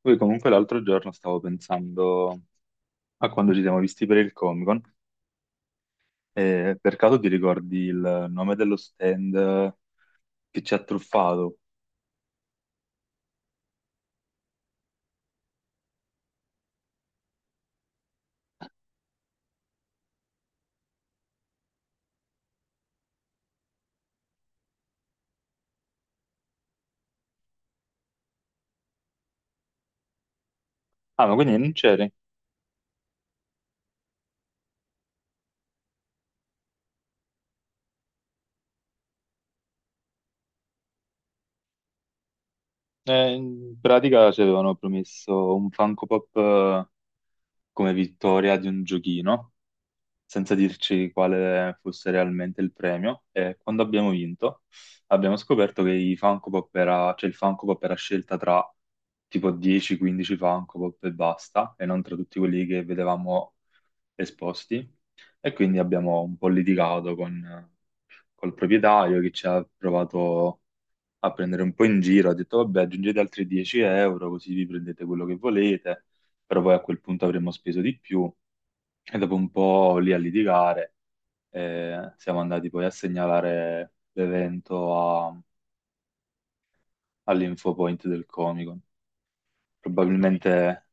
Poi comunque l'altro giorno stavo pensando a quando ci siamo visti per il Comic-Con e per caso ti ricordi il nome dello stand che ci ha truffato? Ah, ma quindi non c'eri? In pratica ci avevano promesso un Funko Pop come vittoria di un giochino senza dirci quale fosse realmente il premio. E quando abbiamo vinto, abbiamo scoperto che i Funko Pop era, cioè il Funko Pop era scelta tra tipo 10-15 Funko Pop e basta, e non tra tutti quelli che vedevamo esposti. E quindi abbiamo un po' litigato col proprietario che ci ha provato a prendere un po' in giro, ha detto vabbè aggiungete altri 10 euro così vi prendete quello che volete, però poi a quel punto avremmo speso di più e dopo un po' lì a litigare e siamo andati poi a segnalare l'evento a- all'infopoint del Comic-Con. Probabilmente,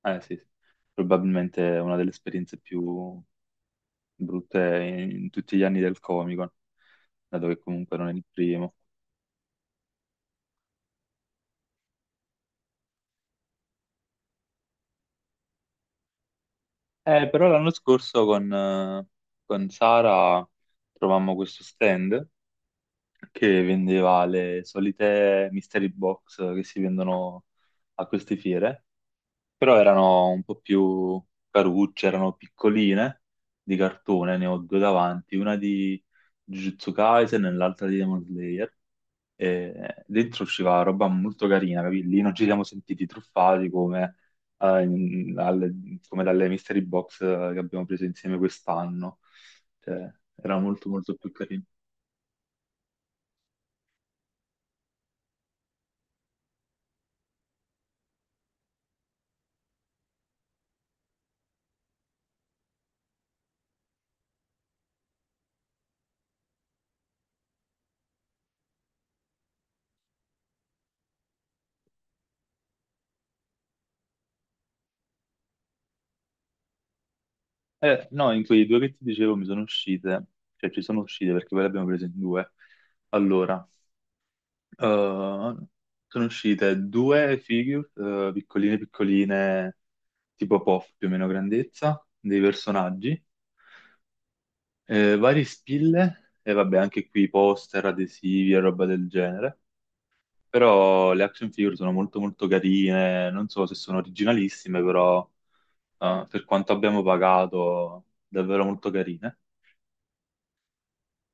eh sì, sì, probabilmente è una delle esperienze più brutte in tutti gli anni del Comic-Con, dato che comunque non è il primo. Però l'anno scorso con Sara trovammo questo stand che vendeva le solite mystery box che si vendono a queste fiere, però erano un po' più carucce, erano piccoline di cartone, ne ho due davanti, una di Jujutsu Kaisen e l'altra di Demon Slayer. E dentro usciva roba molto carina, capì? Lì non ci siamo sentiti truffati come, eh, in- alle, come dalle mystery box che abbiamo preso insieme quest'anno. Cioè, era molto molto più carino. Eh no, in quei due che ti dicevo mi sono uscite, cioè ci sono uscite perché poi le abbiamo prese in due. Allora, Uh, sono uscite due figure, piccoline piccoline, tipo Puff più o meno grandezza, dei personaggi, vari spille e vabbè anche qui poster, adesivi e roba del genere. Però le action figure sono molto molto carine, non so se sono originalissime, però per quanto abbiamo pagato davvero molto carine.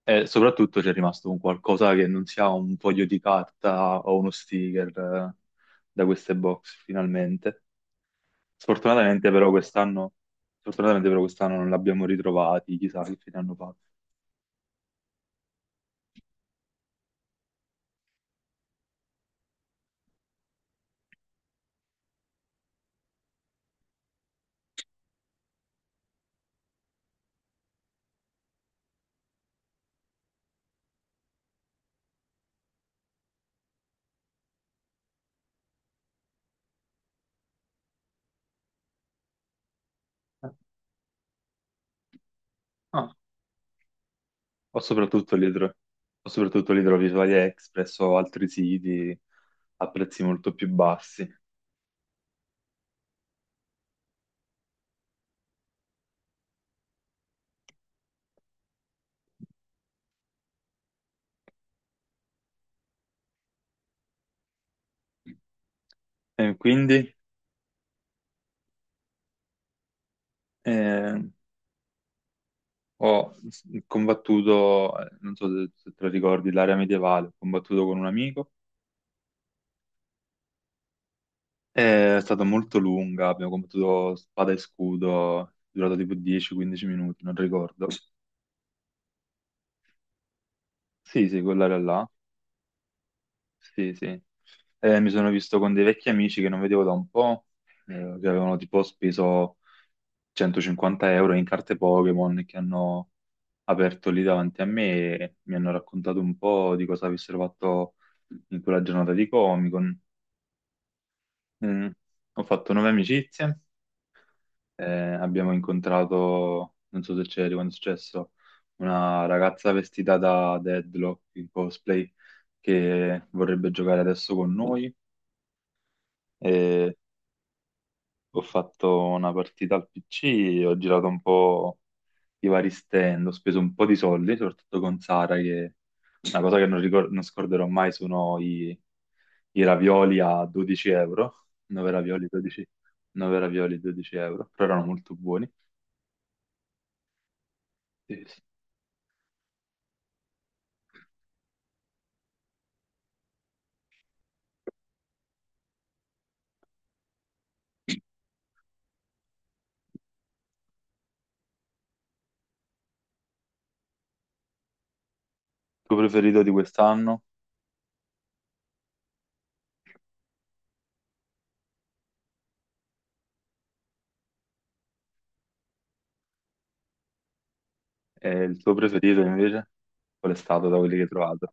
E soprattutto c'è rimasto un qualcosa che non sia un foglio di carta o uno sticker da queste box finalmente. Sfortunatamente però quest'anno, sfortunatamente però quest'anno non l'abbiamo ritrovati, chissà che fine hanno fatto. Eh, ah, o soprattutto li, tro- o soprattutto li trovi su AliExpress o altri siti a prezzi molto più bassi. E quindi eh, combattuto, non so se te lo ricordi, l'area medievale, ho combattuto con un amico, è stata molto lunga, abbiamo combattuto spada e scudo, è durato tipo 10-15 minuti, non ricordo. Sì, sì, quell'area là. Sì, sì. Mi sono visto con dei vecchi amici che non vedevo da un po', che avevano tipo speso 150 euro in carte Pokémon e che hanno aperto lì davanti a me e mi hanno raccontato un po' di cosa avessero fatto in quella giornata di Comic-Con. Mm, ho fatto nuove amicizie, abbiamo incontrato, non so se c'eri quando è successo, una ragazza vestita da Deadlock in cosplay che vorrebbe giocare adesso con noi. E ho fatto una partita al PC, ho girato un po' i vari stand, ho speso un po' di soldi, soprattutto con Sara, che una cosa che non scorderò mai sono i ravioli a 12 euro, 9 ravioli, 12, 9 ravioli, 12 euro, però erano molto buoni. Sì, sì. Il tuo preferito di quest'anno? E il tuo preferito invece? Qual è stato da quelli che hai trovato?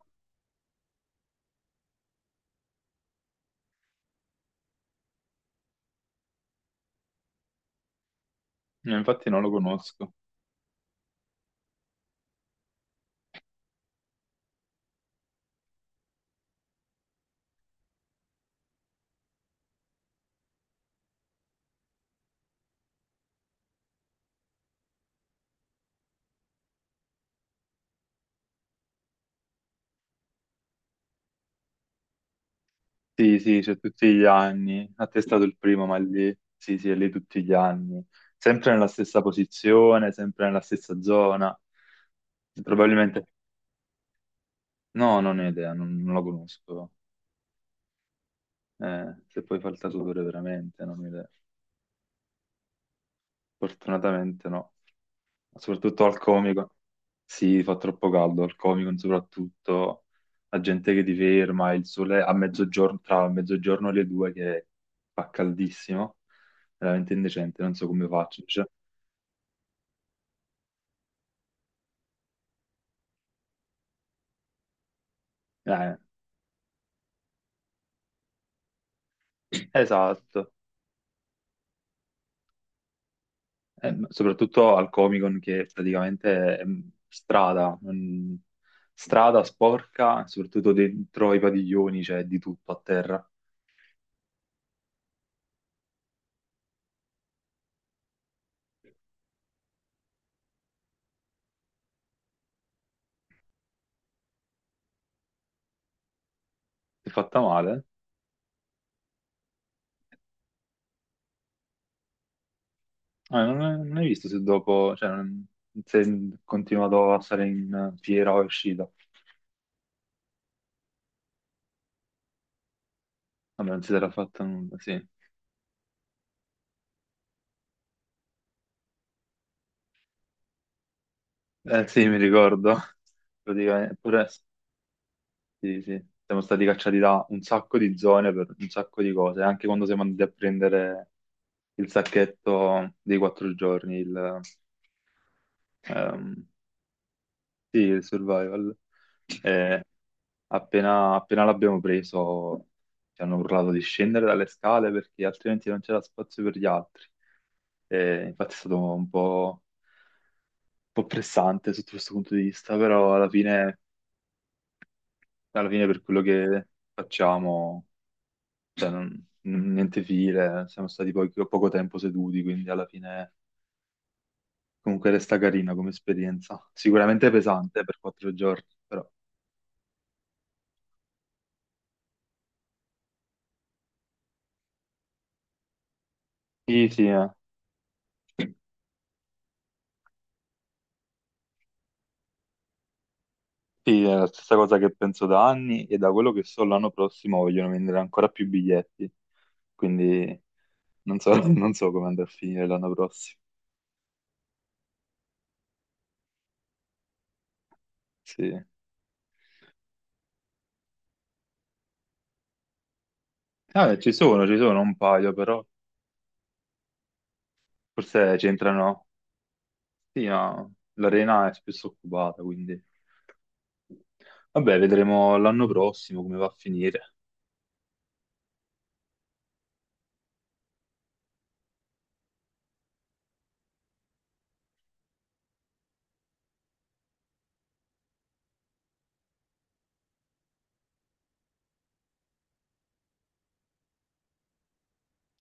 Infatti non lo conosco. Sì, sì, c'è tutti gli anni. A te è stato il primo, ma lì, sì, sì, è lì tutti gli anni. Sempre nella stessa posizione, sempre nella stessa zona. Probabilmente, no, non ho idea, non lo conosco. Se poi fa il tatuatore veramente, non ho idea. Fortunatamente no. Soprattutto al comico. Sì, fa troppo caldo, al comico soprattutto. La gente che ti ferma, il sole a mezzogiorno, tra mezzogiorno e le due che fa caldissimo veramente indecente, non so come faccio. Cioè, Eh, esatto. Ma soprattutto al Comic Con che praticamente è strada, strada sporca, soprattutto dentro i padiglioni, c'è di tutto a terra. Ti è fatta male? Ah, non, Non hai visto se dopo, se è continuato a stare in fiera o è uscita. Vabbè, non si sarà fatto nulla, sì. Eh sì, mi ricordo. Praticamente, pure- Sì, sì. Siamo stati cacciati da un sacco di zone per un sacco di cose, anche quando siamo andati a prendere il sacchetto dei 4 giorni, ehm, sì, il survival. Eh, Appena appena l'abbiamo preso ci hanno urlato di scendere dalle scale perché altrimenti non c'era spazio per gli altri. E infatti è stato un po' pressante sotto questo punto di vista, però alla fine per quello che facciamo cioè, non- n- niente file, siamo stati poi poco tempo seduti, quindi alla fine comunque resta carina come esperienza. Sicuramente pesante per 4 giorni, però. Sì, sì, eh. Sì, è la stessa cosa che penso da anni e da quello che so l'anno prossimo vogliono vendere ancora più biglietti, quindi non so, non so come andrà a finire l'anno prossimo. Sì. Ci sono, ci sono un paio, però forse c'entrano. Sì, no, l'arena è spesso occupata, quindi vabbè, vedremo l'anno prossimo come va a finire.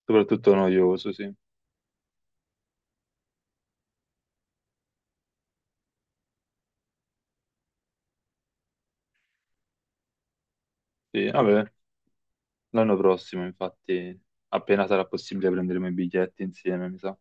Soprattutto noioso, sì. Sì, vabbè, l'anno prossimo, infatti, appena sarà possibile prenderemo i biglietti insieme, mi sa.